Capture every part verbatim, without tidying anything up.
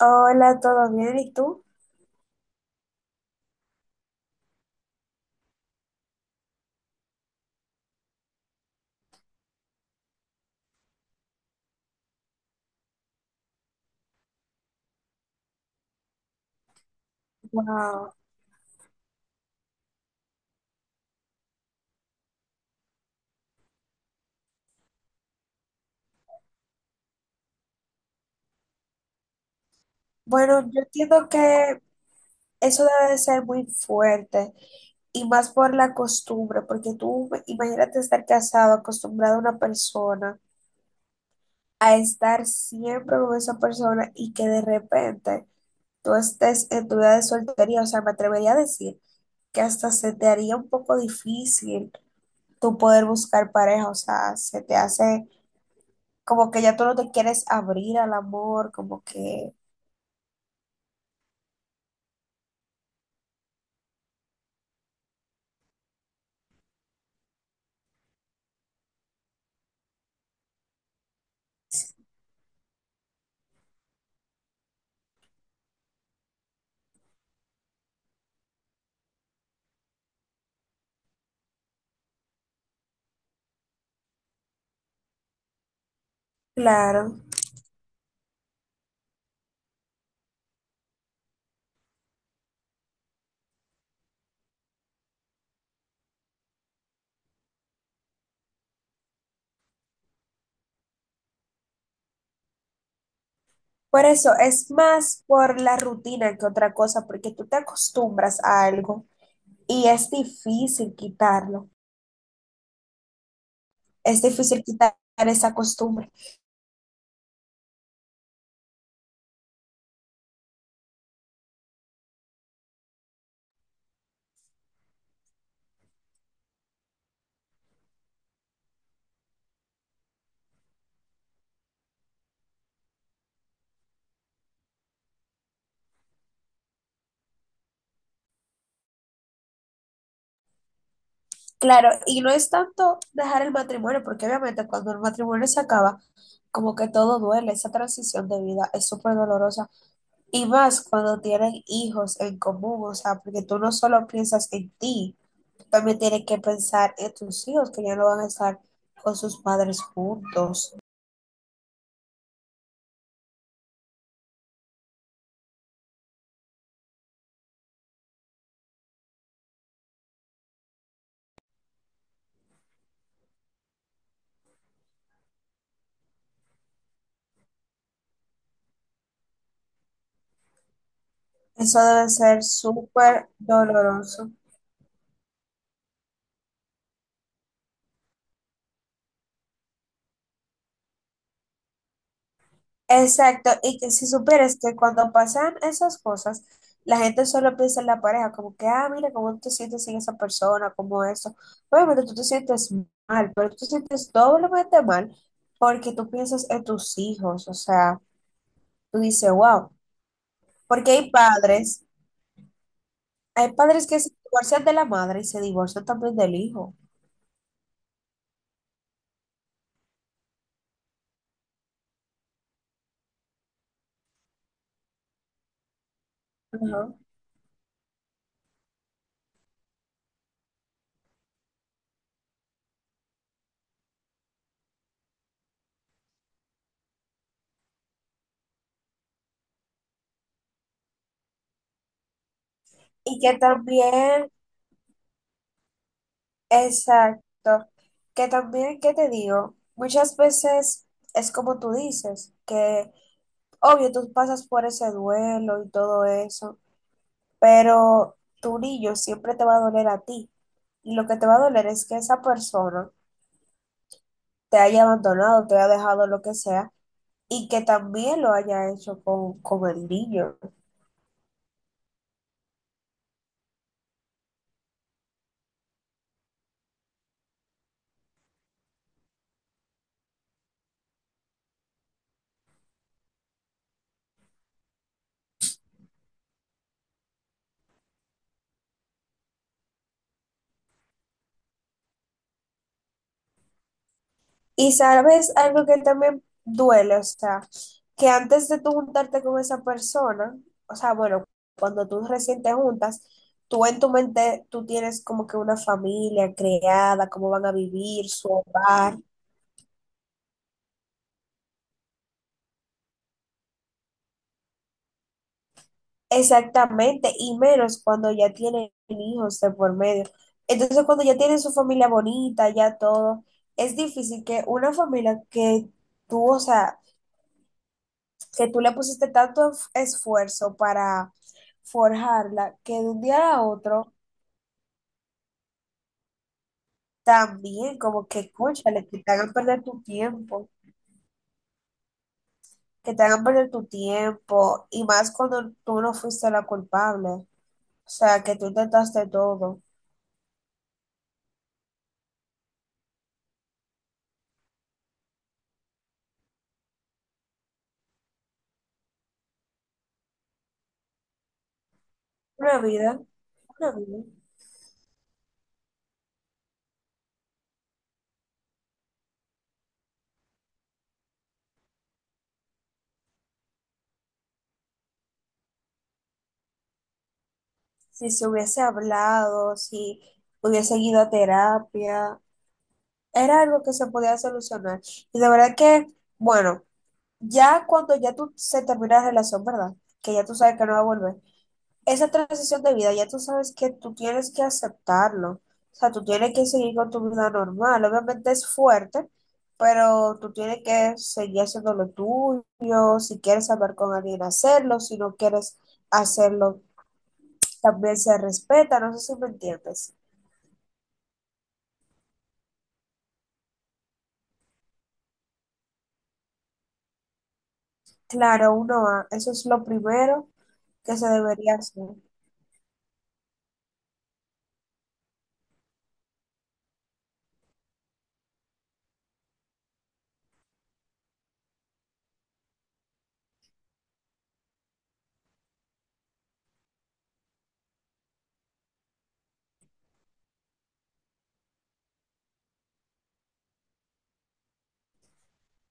Hola, ¿todo bien? ¿Y tú? Wow. Bueno, yo entiendo que eso debe de ser muy fuerte y más por la costumbre, porque tú imagínate estar casado, acostumbrado a una persona, a estar siempre con esa persona y que de repente tú estés en tu vida de soltería, o sea, me atrevería a decir que hasta se te haría un poco difícil tú poder buscar pareja, o sea, se te hace como que ya tú no te quieres abrir al amor, como que, claro. Por eso es más por la rutina que otra cosa, porque tú te acostumbras a algo y es difícil quitarlo. Es difícil quitar esa costumbre. Claro, y no es tanto dejar el matrimonio, porque obviamente cuando el matrimonio se acaba, como que todo duele, esa transición de vida es súper dolorosa. Y más cuando tienen hijos en común, o sea, porque tú no solo piensas en ti, también tienes que pensar en tus hijos, que ya no van a estar con sus padres juntos. Eso debe ser súper doloroso. Exacto, y que si supieras que cuando pasan esas cosas, la gente solo piensa en la pareja, como que, ah, mira, cómo tú te sientes sin esa persona, como eso. Obviamente tú te sientes mal, pero tú te sientes doblemente mal porque tú piensas en tus hijos, o sea, tú dices, wow, porque hay padres, hay padres que se divorcian de la madre y se divorcian también del hijo. Ajá. Y que también exacto. Que también, ¿qué te digo? Muchas veces es como tú dices, que obvio tú pasas por ese duelo y todo eso, pero tu niño siempre te va a doler a ti. Y lo que te va a doler es que esa persona te haya abandonado, te haya dejado lo que sea, y que también lo haya hecho con, con el niño. Y sabes algo que también duele, o sea, que antes de tú juntarte con esa persona, o sea, bueno, cuando tú recién te juntas, tú en tu mente, tú tienes como que una familia creada, cómo van a vivir, su hogar, exactamente, y menos cuando ya tienen hijos de por medio. Entonces, cuando ya tienen su familia bonita, ya todo, es difícil que una familia que tú, o sea, que tú le pusiste tanto esf- esfuerzo para forjarla, que de un día a otro también como que escúchale, que te hagan perder tu tiempo, que te hagan perder tu tiempo, y más cuando tú no fuiste la culpable, o sea, que tú intentaste todo. Una vida, una vida. Si se hubiese hablado, si hubiese ido a terapia, era algo que se podía solucionar. Y de verdad que, bueno. Ya cuando ya tú se termina la relación, ¿verdad? Que ya tú sabes que no va a volver. Esa transición de vida, ya tú sabes que tú tienes que aceptarlo. O sea, tú tienes que seguir con tu vida normal. Obviamente es fuerte, pero tú tienes que seguir haciendo lo tuyo. Si quieres hablar con alguien, hacerlo. Si no quieres hacerlo, también se respeta. No sé si me entiendes. Claro, uno va. Eso es lo primero que se debería hacer.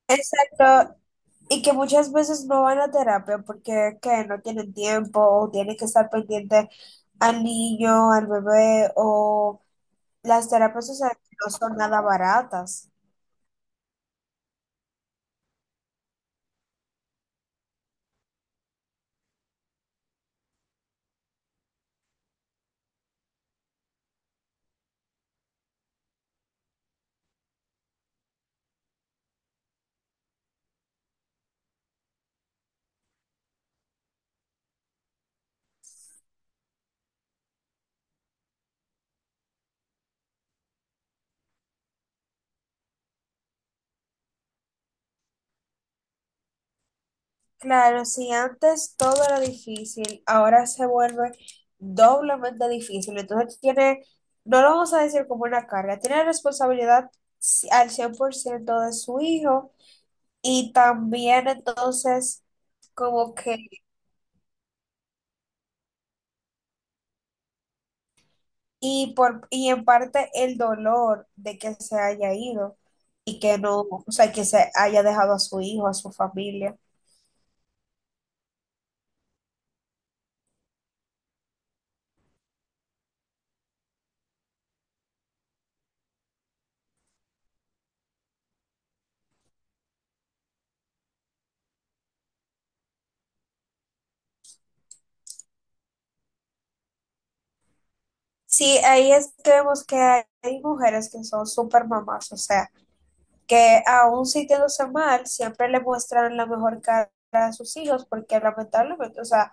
Exacto, y que muchas veces no van a terapia porque que no tienen tiempo o tienen que estar pendiente al niño, al bebé o las terapias sociales no son nada baratas. Claro, si antes todo era difícil, ahora se vuelve doblemente difícil. Entonces tiene, no lo vamos a decir como una carga, tiene responsabilidad ci- al cien por ciento de su hijo y también entonces como que y, por, y en parte el dolor de que se haya ido y que no, o sea, que se haya dejado a su hijo, a su familia. Sí, ahí es que vemos que hay, hay mujeres que son súper mamás, o sea, que aún sintiéndose mal, siempre le muestran la mejor cara a sus hijos, porque lamentablemente, o sea,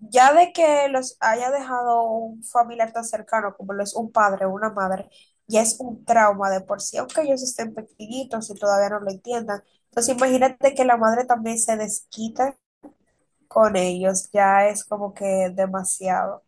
ya de que los haya dejado un familiar tan cercano como lo es un padre o una madre, ya es un trauma de por sí, aunque ellos estén pequeñitos y todavía no lo entiendan. Entonces imagínate que la madre también se desquita con ellos, ya es como que demasiado.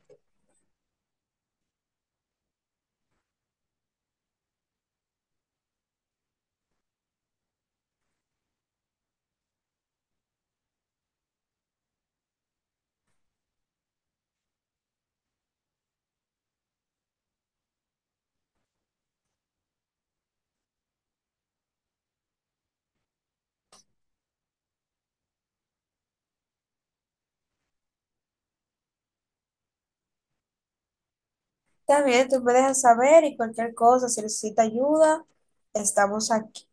También tú me dejas saber y cualquier cosa, si necesita ayuda, estamos aquí.